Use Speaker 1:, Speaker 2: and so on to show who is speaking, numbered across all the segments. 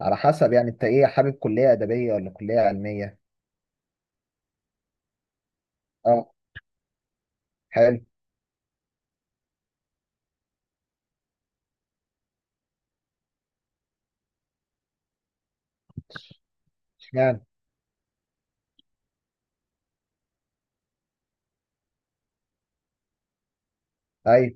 Speaker 1: على حسب، يعني انت ايه؟ حابب كلية ادبية ولا كلية علمية؟ اه. حلو. اشمعنى؟ ايوه.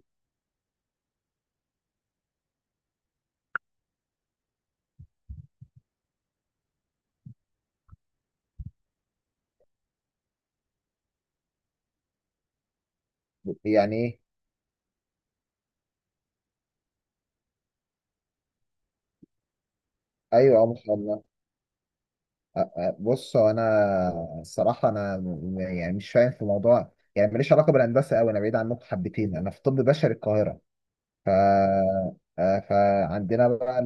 Speaker 1: يعني ايه؟ ايوه، اه، ما شاء الله. بص، هو انا الصراحة انا مش فاهم في موضوع، يعني ماليش علاقة بالهندسة قوي. انا بعيد عنكم حبتين، انا في طب بشري القاهرة. ف آه، فعندنا بقى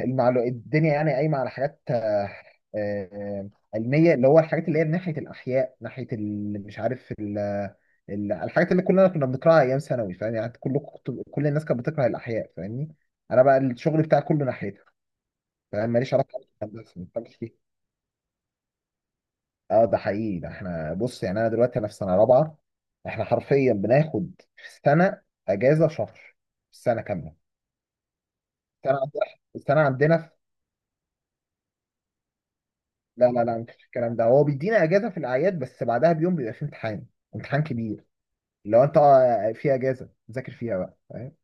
Speaker 1: الدنيا يعني قايمه على حاجات آه، علميه، اللي هو الحاجات اللي هي ناحيه الاحياء، ناحيه ال- مش عارف ال... ال- الحاجات اللي كلنا كنا بنقراها ايام ثانوي. فاهم؟ يعني كل الناس كانت بتكره الاحياء، فاهمني؟ انا بقى الشغل بتاعي كله ناحيتها. فاهم؟ ماليش علاقه بالهندسه، ما بفهمش فيها. اه، ده حقيقي. ده احنا، بص، يعني انا دلوقتي انا في سنه رابعه. احنا حرفيا بناخد في السنه اجازه شهر في السنه كامله. السنه عندنا السنه عندنا. لا لا لا، مفيش الكلام ده. هو بيدينا اجازه في الاعياد بس بعدها بيوم بيبقى فيه امتحان، امتحان كبير. لو انت في اجازه ذاكر فيها بقى. فاهم؟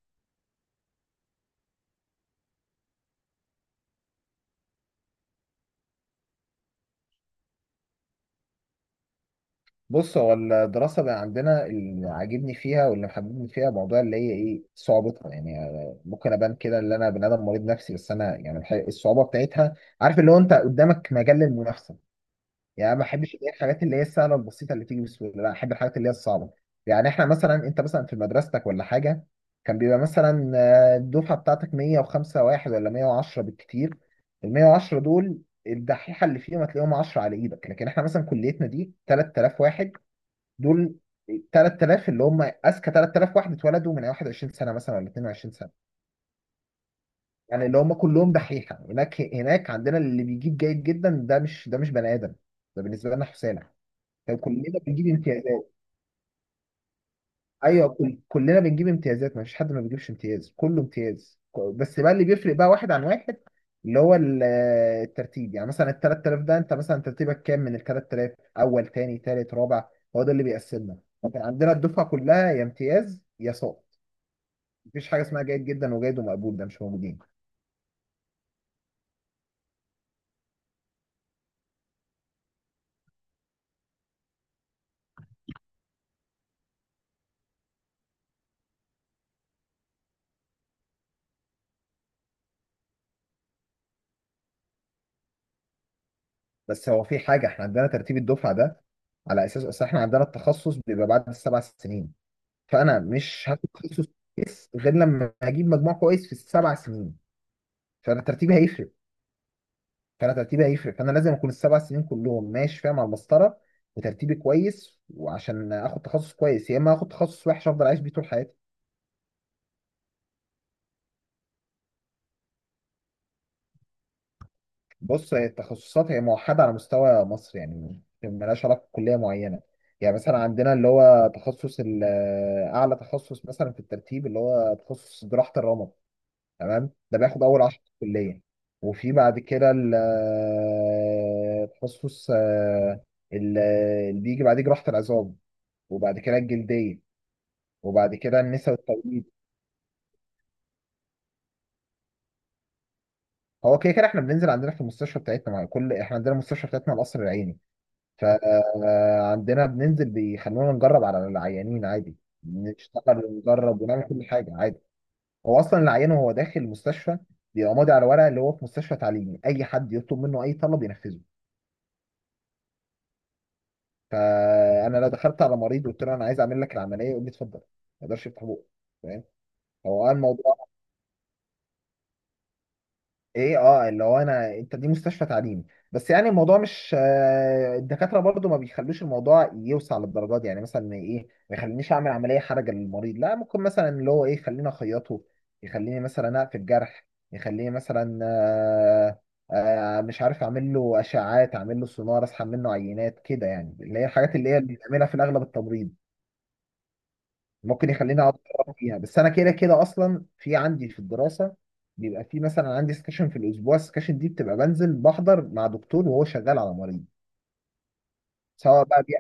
Speaker 1: بص، هو الدراسه اللي عندنا اللي عاجبني فيها واللي محببني فيها، موضوع اللي هي ايه، صعوبتها يعني. ممكن ابان كده ان انا بني ادم مريض نفسي، بس انا يعني الحقيقة الصعوبه بتاعتها، عارف، اللي هو انت قدامك مجال للمنافسه. يعني ما بحبش اللي هي الحاجات اللي هي السهله البسيطه اللي تيجي بسهوله، لا، احب الحاجات اللي هي الصعبه. يعني احنا مثلا، انت مثلا في مدرستك ولا حاجه كان بيبقى مثلا الدفعه بتاعتك 105 واحد ولا 110 بالكتير. ال 110 دول، الدحيحه اللي فيهم هتلاقيهم 10 على ايدك. لكن احنا مثلا كليتنا دي 3000 واحد. دول 3000 اللي هم اذكى 3000 واحد اتولدوا من 21 سنه مثلا ولا 22 سنه. يعني اللي هم كلهم دحيحه. هناك هناك عندنا اللي بيجيب جيد جدا ده مش، ده مش بني ادم، ده بالنسبه لنا حسالة. يعني كلنا بنجيب امتيازات. ايوه، كلنا بنجيب امتيازات. ما فيش حد ما بيجيبش امتياز، كله امتياز. بس بقى اللي بيفرق بقى واحد عن واحد، اللي هو الترتيب. يعني مثلا ال 3000 ده، انت مثلا ترتيبك كام من ال 3000؟ اول، تاني، تالت، رابع. هو ده اللي بيقسمنا. لكن عندنا الدفعه كلها يا امتياز يا ساقط. مفيش حاجه اسمها جيد جدا وجيد ومقبول، ده مش موجودين. بس هو في حاجه، احنا عندنا ترتيب الدفعه ده على اساس اصل احنا عندنا التخصص بيبقى بعد السبع سنين. فانا مش هتخصص كويس غير لما اجيب مجموع كويس في السبع سنين. فانا ترتيبي هيفرق فانا ترتيبي هيفرق. فانا لازم اكون السبع سنين كلهم ماشي فيها مع المسطره وترتيبي كويس، وعشان اخد تخصص كويس، يا اما اخد تخصص وحش افضل اعيش بيه طول حياتي. بص، هي التخصصات هي موحده على مستوى مصر. يعني ملهاش علاقه بكليه معينه. يعني مثلا عندنا اللي هو تخصص اعلى تخصص مثلا في الترتيب، اللي هو تخصص جراحه الرمد. تمام؟ ده بياخد اول 10 في الكليه. وفي بعد كده التخصص آه، ال- اللي بيجي بعديه جراحه العظام، وبعد كده الجلديه، وبعد كده النساء والتوليد. هو كده كده احنا بننزل عندنا في المستشفى بتاعتنا، مع كل، احنا عندنا المستشفى بتاعتنا القصر العيني. فعندنا بننزل بيخلونا نجرب على العيانين عادي. نشتغل ونجرب ونعمل كل حاجه عادي. هو اصلا العيان وهو داخل المستشفى بيبقى ماضي على ورقه اللي هو في مستشفى تعليمي، اي حد يطلب منه اي طلب ينفذه. فانا لو دخلت على مريض وقلت له انا عايز اعمل لك العمليه يقول لي اتفضل، ما يقدرش يفتح بقه. فاهم؟ هو الموضوع ايه، اه، اللي هو انا، انت دي مستشفى تعليمي. بس يعني الموضوع مش الدكاتره برضو ما بيخلوش الموضوع يوسع للدرجات دي. يعني مثلا ايه، ما يخلينيش اعمل عمليه حرجه للمريض لا، ممكن مثلا اللي هو ايه يخليني اخيطه، يخليني مثلا اقفل جرح، يخليني مثلا مش عارف اعمل له اشعاعات، اعمل له سونار، اسحب منه عينات كده، يعني اللي هي الحاجات اللي هي اللي بنعملها في الاغلب. التمريض ممكن يخليني اقعد أقرأ فيها، بس انا كده كده اصلا في عندي في الدراسه بيبقى في مثلا عندي سكشن في الاسبوع. السكشن دي بتبقى بنزل بحضر مع دكتور وهو شغال على مريض، سواء بقى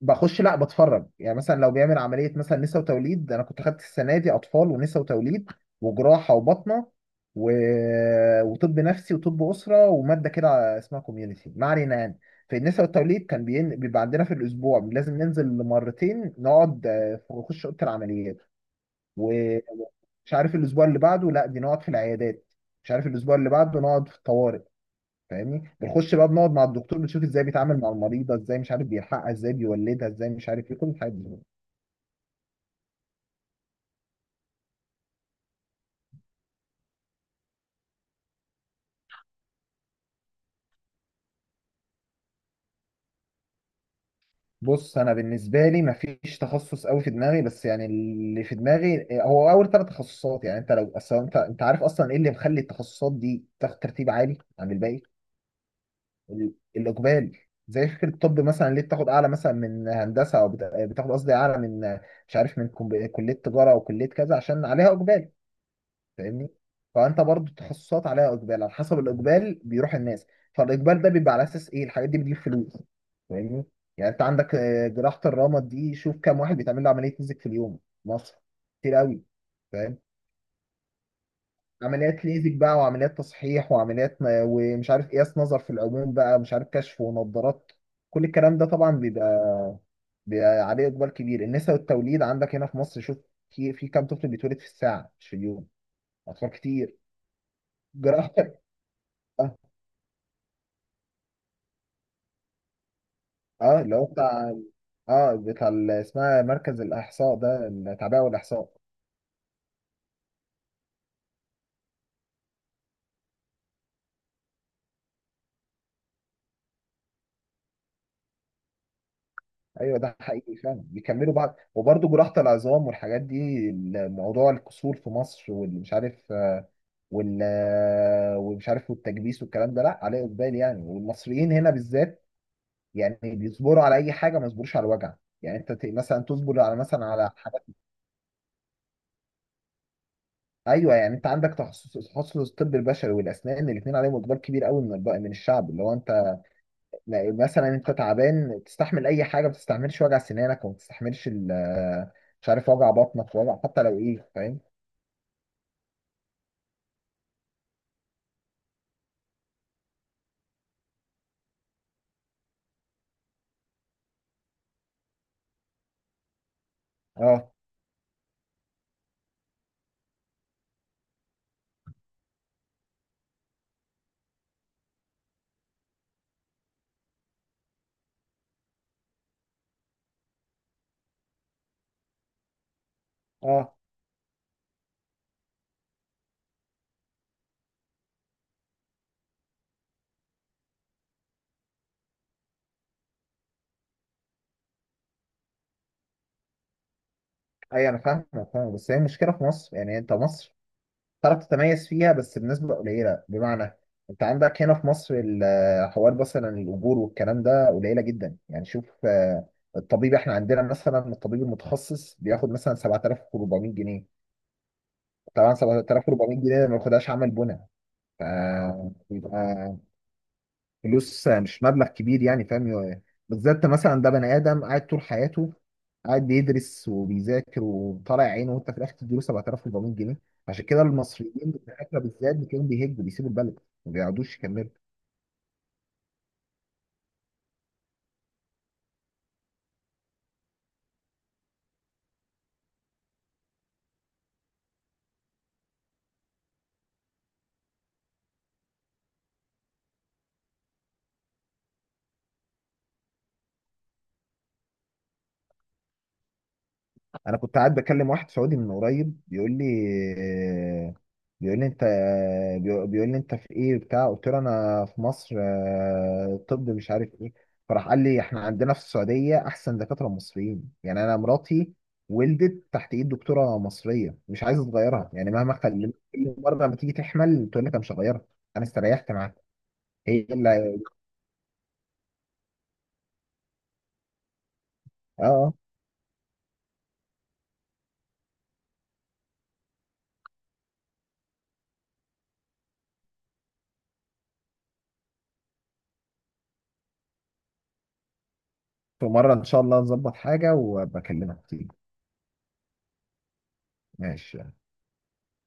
Speaker 1: بخش لا بتفرج. يعني مثلا لو بيعمل عمليه مثلا نسا وتوليد، انا كنت خدت السنه دي اطفال ونسا وتوليد وجراحه وبطنه و... وطب نفسي وطب اسره وماده كده اسمها كوميونتي، ما علينا. يعني في النساء والتوليد كان بيبقى عندنا في الاسبوع لازم ننزل مرتين، نقعد نخش اوضه العمليات، و... مش عارف الاسبوع اللي بعده لا، دي نقعد في العيادات، مش عارف الاسبوع اللي بعده نقعد في الطوارئ. فاهمني؟ بنخش بقى بنقعد مع الدكتور، بنشوف ازاي بيتعامل مع المريضه، ازاي مش عارف بيلحقها، ازاي بيولدها، ازاي مش عارف ايه، كل الحاجات دي. بص انا بالنسبه لي مفيش تخصص قوي في دماغي، بس يعني اللي في دماغي هو اول ثلاث تخصصات. يعني انت لو اصلا، انت عارف اصلا ايه اللي مخلي التخصصات دي تاخد ترتيب عالي عن الباقي؟ الاقبالي. زي فكره الطب مثلا، ليه بتاخد اعلى مثلا من هندسه، او بتاخد قصدي اعلى من، مش عارف، كليه تجاره او كليه كذا، عشان عليها اقبال. فاهمني؟ فانت برضو التخصصات عليها اقبال، على حسب الاقبال بيروح الناس. فالاقبال ده بيبقى على اساس ايه، الحاجات دي بتجيب فلوس. فاهمني؟ يعني انت عندك جراحه الرمد دي، شوف كام واحد بيتعمل له عمليه مزك في اليوم في مصر. كتير قوي. عمليات ليزك بقى، وعمليات تصحيح، ومش عارف قياس نظر في العموم بقى، مش عارف كشف ونظارات. كل الكلام ده طبعا بيبقى، بيبقى عليه اقبال كبير. النساء والتوليد عندك هنا في مصر، شوف في كام طفل بيتولد في الساعه، مش في اليوم. اطفال كتير. جراحه اه. اه، اللي هو بتاع، اه بتاع اسمها مركز الاحصاء ده، التعبئه والاحصاء. ايوه، ده حقيقي فعلا، بيكملوا بعض. وبرضه جراحة العظام والحاجات دي، موضوع الكسور في مصر واللي مش عارف آه، وال آه، ومش عارف، والتكبيس والكلام ده، لا، عليه اقبال يعني. والمصريين هنا بالذات يعني بيصبروا على اي حاجه، ما يصبروش على الوجع. يعني انت مثلا تصبر على، مثلا، على حاجات. ايوه. يعني انت عندك تخصص، تخصص الطب البشري والاسنان، الاثنين عليهم اقبال كبير قوي من من الشعب، اللي هو انت لا، مثلا انت تعبان تستحمل اي حاجه، ما تستحملش وجع سنانك، وما تستحملش مش عارف وجع بطنك، وجع حتى لو ايه. فاهم؟ اه. اه، اي انا فاهم، فاهم. بس هي المشكله في مصر، يعني انت مصر تعرف تتميز فيها بس بنسبه قليله. بمعنى، انت عندك هنا في مصر حوار مثلا الاجور والكلام ده قليله جدا. يعني شوف الطبيب، احنا عندنا مثلا الطبيب المتخصص بياخد مثلا 7400 جنيه. طبعا 7400 جنيه ده ما بياخدهاش عمل بناء. ف فلوس، مش مبلغ كبير يعني. فاهم؟ بالذات مثلا ده بني ادم قاعد طول حياته قاعد بيدرس وبيذاكر وطالع عينه، وانت في الاخر تديله 7400 جنيه. عشان كده المصريين في الاكله بالذات بتلاقيهم بيهجوا، بيسيبوا البلد، ما بيقعدوش يكملوا. انا كنت قاعد بكلم واحد سعودي من قريب، بيقول لي انت بيقول لي انت في ايه بتاع. قلت له انا في مصر، طب مش عارف ايه. فراح قال لي احنا عندنا في السعوديه احسن دكاتره مصريين. يعني انا مراتي ولدت تحت ايد دكتوره مصريه، مش عايزه تغيرها. يعني مهما خلت، كل مره لما تيجي تحمل تقول لك انا مش هغيرها، انا استريحت معاها. هي اللي، اه. آه. في مره ان شاء الله نظبط حاجه وبكلمك تيجي. ماشي.